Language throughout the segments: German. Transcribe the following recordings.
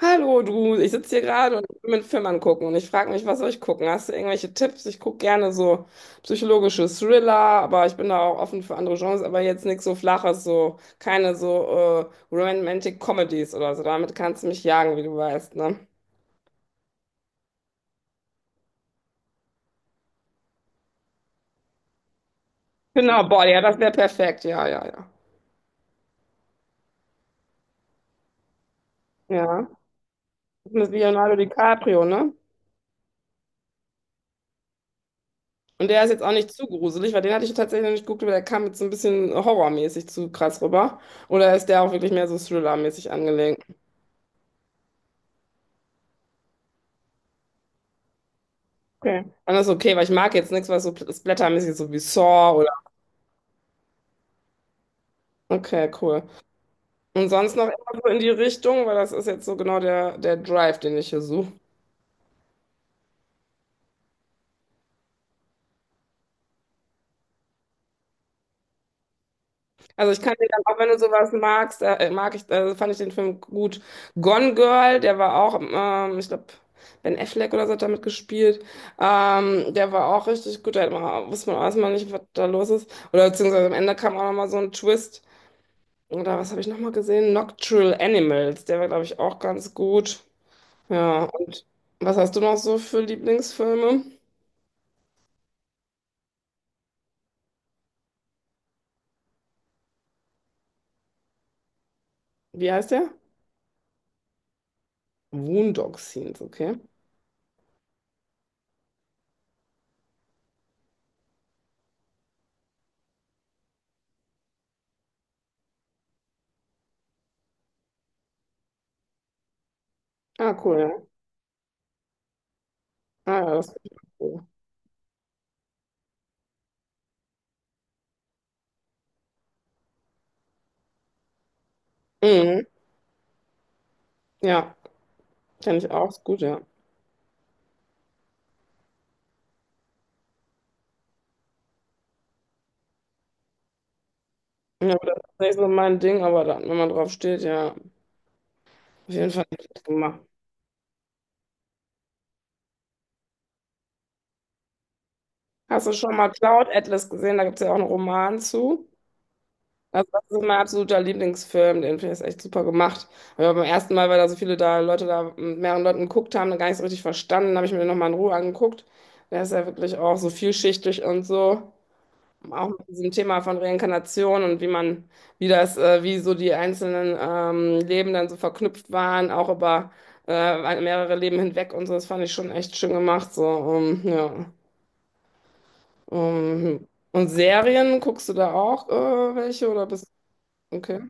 Hallo du, ich sitze hier gerade und will mir einen Film angucken und ich frage mich, was soll ich gucken? Hast du irgendwelche Tipps? Ich gucke gerne so psychologische Thriller, aber ich bin da auch offen für andere Genres, aber jetzt nichts so Flaches, so keine so Romantic Comedies oder so. Damit kannst du mich jagen, wie du weißt, ne? Genau, boah, ja, das wäre perfekt. Ja, ja, ja. Ja, das ist mit Leonardo DiCaprio, ne? Und der ist jetzt auch nicht zu gruselig, weil den hatte ich tatsächlich noch nicht geguckt, aber der kam jetzt so ein bisschen horrormäßig zu krass rüber. Oder ist der auch wirklich mehr so thrillermäßig angelegt? Okay. Dann ist okay, weil ich mag jetzt nichts, was so splattermäßig ist, so wie Saw oder. Okay, cool. Und sonst noch immer so in die Richtung, weil das ist jetzt so genau der Drive, den ich hier suche. Also ich kann dir dann, auch wenn du sowas magst, mag ich, fand ich den Film gut. Gone Girl, der war auch, ich glaube, Ben Affleck oder so hat damit gespielt. Der war auch richtig gut. Da hat man, wusste man auch erstmal nicht, was da los ist. Oder beziehungsweise am Ende kam auch nochmal so ein Twist. Oder was habe ich nochmal gesehen? Nocturnal Animals, der war, glaube ich, auch ganz gut. Ja, und was hast du noch so für Lieblingsfilme? Wie heißt der? Boondock Saints, okay. Ah, cool, ja. Ah, ja, das ist cool. Mhm. Ja, kenne ich auch, ist gut, ja. Ja, aber das ist nicht so mein Ding, aber dann, wenn man drauf steht, ja, auf jeden Fall nicht gemacht. Hast du schon mal Cloud Atlas gesehen? Da gibt es ja auch einen Roman zu. Also das ist mein absoluter Lieblingsfilm, den finde ich ist echt super gemacht. Aber beim ersten Mal, weil da so viele da Leute da mit mehreren Leuten geguckt haben, gar nicht so richtig verstanden, habe ich mir den nochmal in Ruhe angeguckt. Der ist ja wirklich auch so vielschichtig und so. Auch mit diesem Thema von Reinkarnation und wie man, wie das, wie so die einzelnen Leben dann so verknüpft waren, auch über mehrere Leben hinweg und so. Das fand ich schon echt schön gemacht. So, ja. Und Serien, guckst du da auch welche oder bist okay.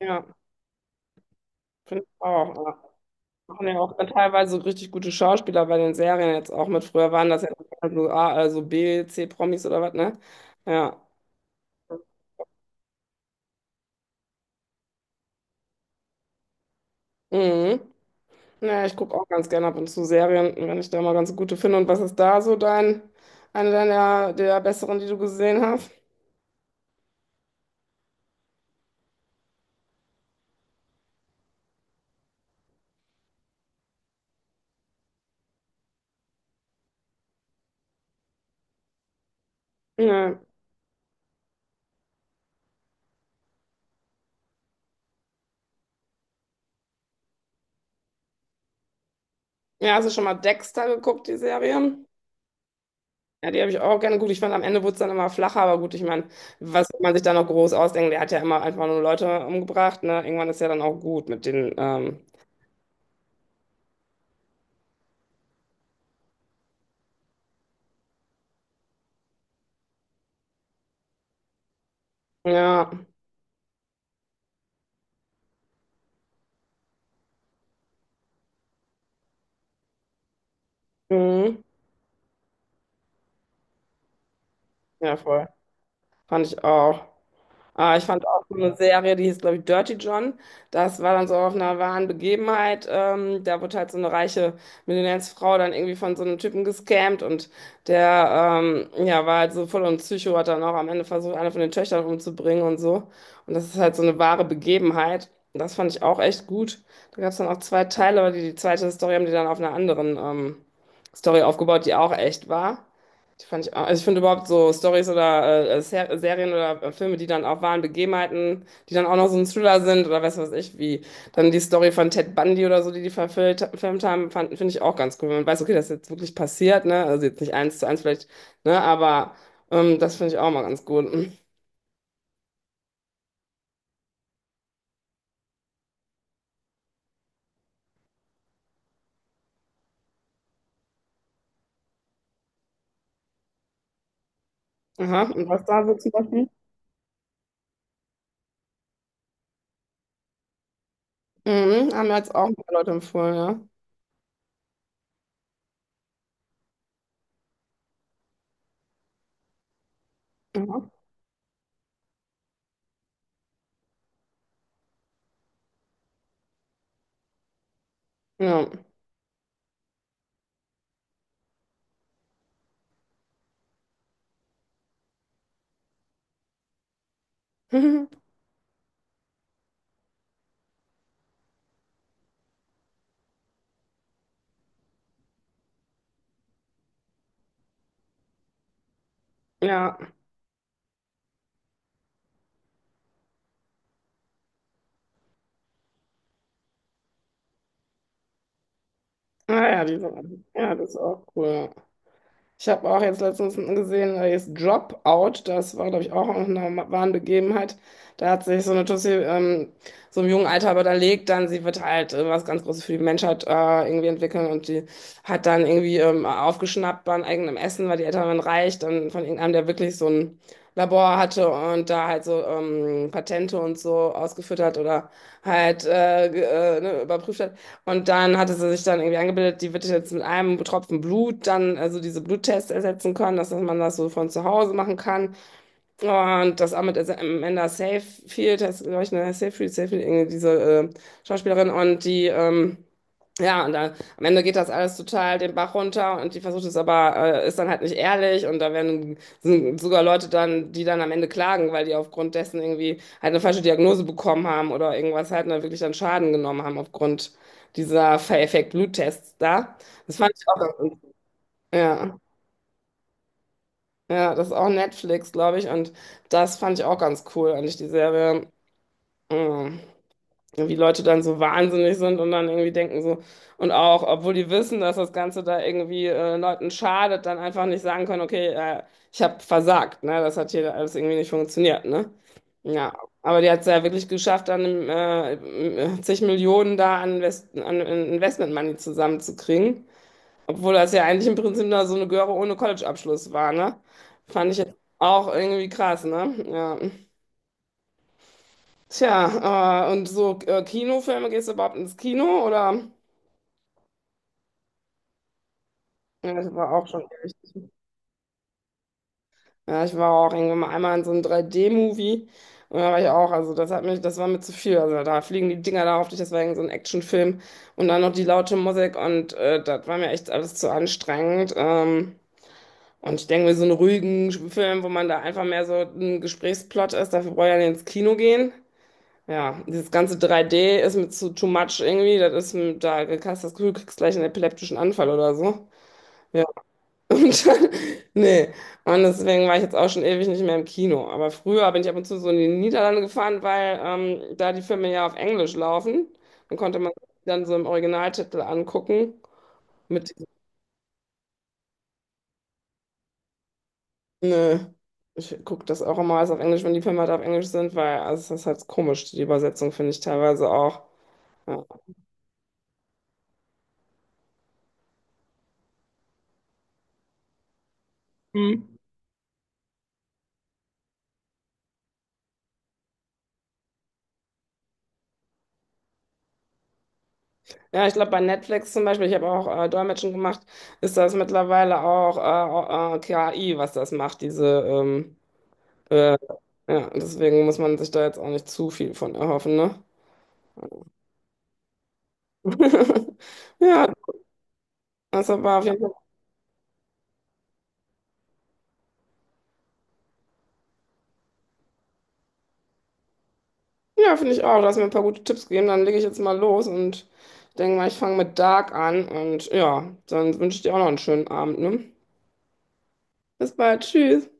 Ja. Finde ich auch. Ja. Machen ja auch teilweise richtig gute Schauspieler bei den Serien jetzt auch mit. Früher waren das ja nur A, also B, C-Promis oder was, ne? Ja. Mhm. Naja, ich gucke auch ganz gerne ab und zu Serien, wenn ich da mal ganz gute finde. Und was ist da so dein, eine deiner der besseren, die du gesehen hast? Ja. Ja, hast du schon mal Dexter geguckt, die Serie? Ja, die habe ich auch gerne. Gut, ich fand, am Ende wurde es dann immer flacher, aber gut, ich meine, was soll man sich da noch groß ausdenken? Der hat ja immer einfach nur Leute umgebracht, ne? Irgendwann ist ja dann auch gut mit den ja, mhm. Ja, voll. Fand ich auch. Ah, ich fand auch so eine Serie, die hieß, glaube ich, Dirty John. Das war dann so auf einer wahren Begebenheit. Da wurde halt so eine reiche Millionärsfrau dann irgendwie von so einem Typen gescammt und der ja, war halt so voll und Psycho, hat dann auch am Ende versucht, eine von den Töchtern umzubringen und so. Und das ist halt so eine wahre Begebenheit. Das fand ich auch echt gut. Da gab es dann auch zwei Teile, aber die zweite Story haben die dann auf einer anderen Story aufgebaut, die auch echt war. Die fand ich auch, also ich finde überhaupt so Stories oder Serien oder Filme, die dann auch wahren Begebenheiten, die dann auch noch so ein Thriller sind oder weiß was ich, wie dann die Story von Ted Bundy oder so, die verfilmt haben, finde ich auch ganz cool. Wenn man weiß, okay, das ist jetzt wirklich passiert, ne? Also jetzt nicht eins zu eins vielleicht, ne? Aber das finde ich auch mal ganz gut. Aha, und was da so zum Beispiel? Mhm, haben mir jetzt auch ein paar Leute empfohlen, ja. Aha. Ja. Ja. Ah ja, die sind, ja, das ist auch cool. Ich habe auch jetzt letztens gesehen, da ist Dropout, das war, glaube ich, auch aus einer wahren Begebenheit. Da hat sich so eine Tussi so im jungen Alter überlegt, dann sie wird halt was ganz Großes für die Menschheit irgendwie entwickeln und die hat dann irgendwie aufgeschnappt bei eigenem Essen, weil die Eltern waren reich, dann von irgendeinem, der wirklich so ein Labor hatte und da halt so Patente und so ausgeführt hat oder halt ne, überprüft hat. Und dann hatte sie sich dann irgendwie angebildet, die wird jetzt mit einem Tropfen Blut dann also diese Bluttests ersetzen können, dass man das so von zu Hause machen kann. Oh, und das auch mit Amanda Seyfried, das glaube ich, ne, Seyfried, Seyfried, irgendwie diese äh, Schauspielerin und die, ja, und dann am Ende geht das alles total den Bach runter und die versucht es aber, ist dann halt nicht ehrlich und da werden sind sogar Leute dann, die dann am Ende klagen, weil die aufgrund dessen irgendwie halt eine falsche Diagnose bekommen haben oder irgendwas halt und dann wirklich dann Schaden genommen haben aufgrund dieser Fake-Bluttests da. Das fand ich auch, ja. Ja, das ist auch Netflix, glaube ich. Und das fand ich auch ganz cool, eigentlich die Serie. Mm, wie Leute dann so wahnsinnig sind und dann irgendwie denken so, und auch, obwohl die wissen, dass das Ganze da irgendwie Leuten schadet, dann einfach nicht sagen können, okay, ich habe versagt, ne? Das hat hier alles irgendwie nicht funktioniert, ne? Ja, aber die hat es ja wirklich geschafft, dann zig Millionen da an, Invest an Investment Money zusammenzukriegen. Obwohl das ja eigentlich im Prinzip da so eine Göre ohne College-Abschluss war, ne? Fand ich jetzt ja auch irgendwie krass, ne? Ja. Tja, und so Kinofilme, gehst du überhaupt ins Kino oder? Ja, ich war auch schon richtig. Ja, ich war auch irgendwann mal einmal in so einem 3D-Movie und da war ich auch, also das hat mich, das war mir zu viel. Also da fliegen die Dinger da auf dich, das war irgend so ein Actionfilm und dann noch die laute Musik und das war mir echt alles zu anstrengend. Und ich denke mir, so einen ruhigen Film, wo man da einfach mehr so ein Gesprächsplot ist, dafür brauche ich ja nicht ins Kino gehen. Ja, dieses ganze 3D ist mir zu too much irgendwie. Das ist, da hast du das Gefühl, du kriegst gleich einen epileptischen Anfall oder so. Ja, und dann, nee. Und deswegen war ich jetzt auch schon ewig nicht mehr im Kino. Aber früher bin ich ab und zu so in die Niederlande gefahren, weil da die Filme ja auf Englisch laufen. Dann konnte man dann so im Originaltitel angucken mit nö. Ich gucke das auch immer alles auf Englisch, wenn die Filme halt auf Englisch sind, weil also es ist halt komisch, die Übersetzung finde ich teilweise auch. Ja, mhm, ja ich glaube bei Netflix zum Beispiel, ich habe auch Dolmetschen gemacht, ist das mittlerweile auch KI, was das macht, diese äh, ja, deswegen muss man sich da jetzt auch nicht zu viel von erhoffen, ne? Ja, das war auf jeden Fall. Ja, finde ich auch. Du hast mir ein paar gute Tipps gegeben. Dann lege ich jetzt mal los und denke mal, ich fange mit Dark an. Und ja, dann wünsche ich dir auch noch einen schönen Abend, ne? Bis bald. Tschüss.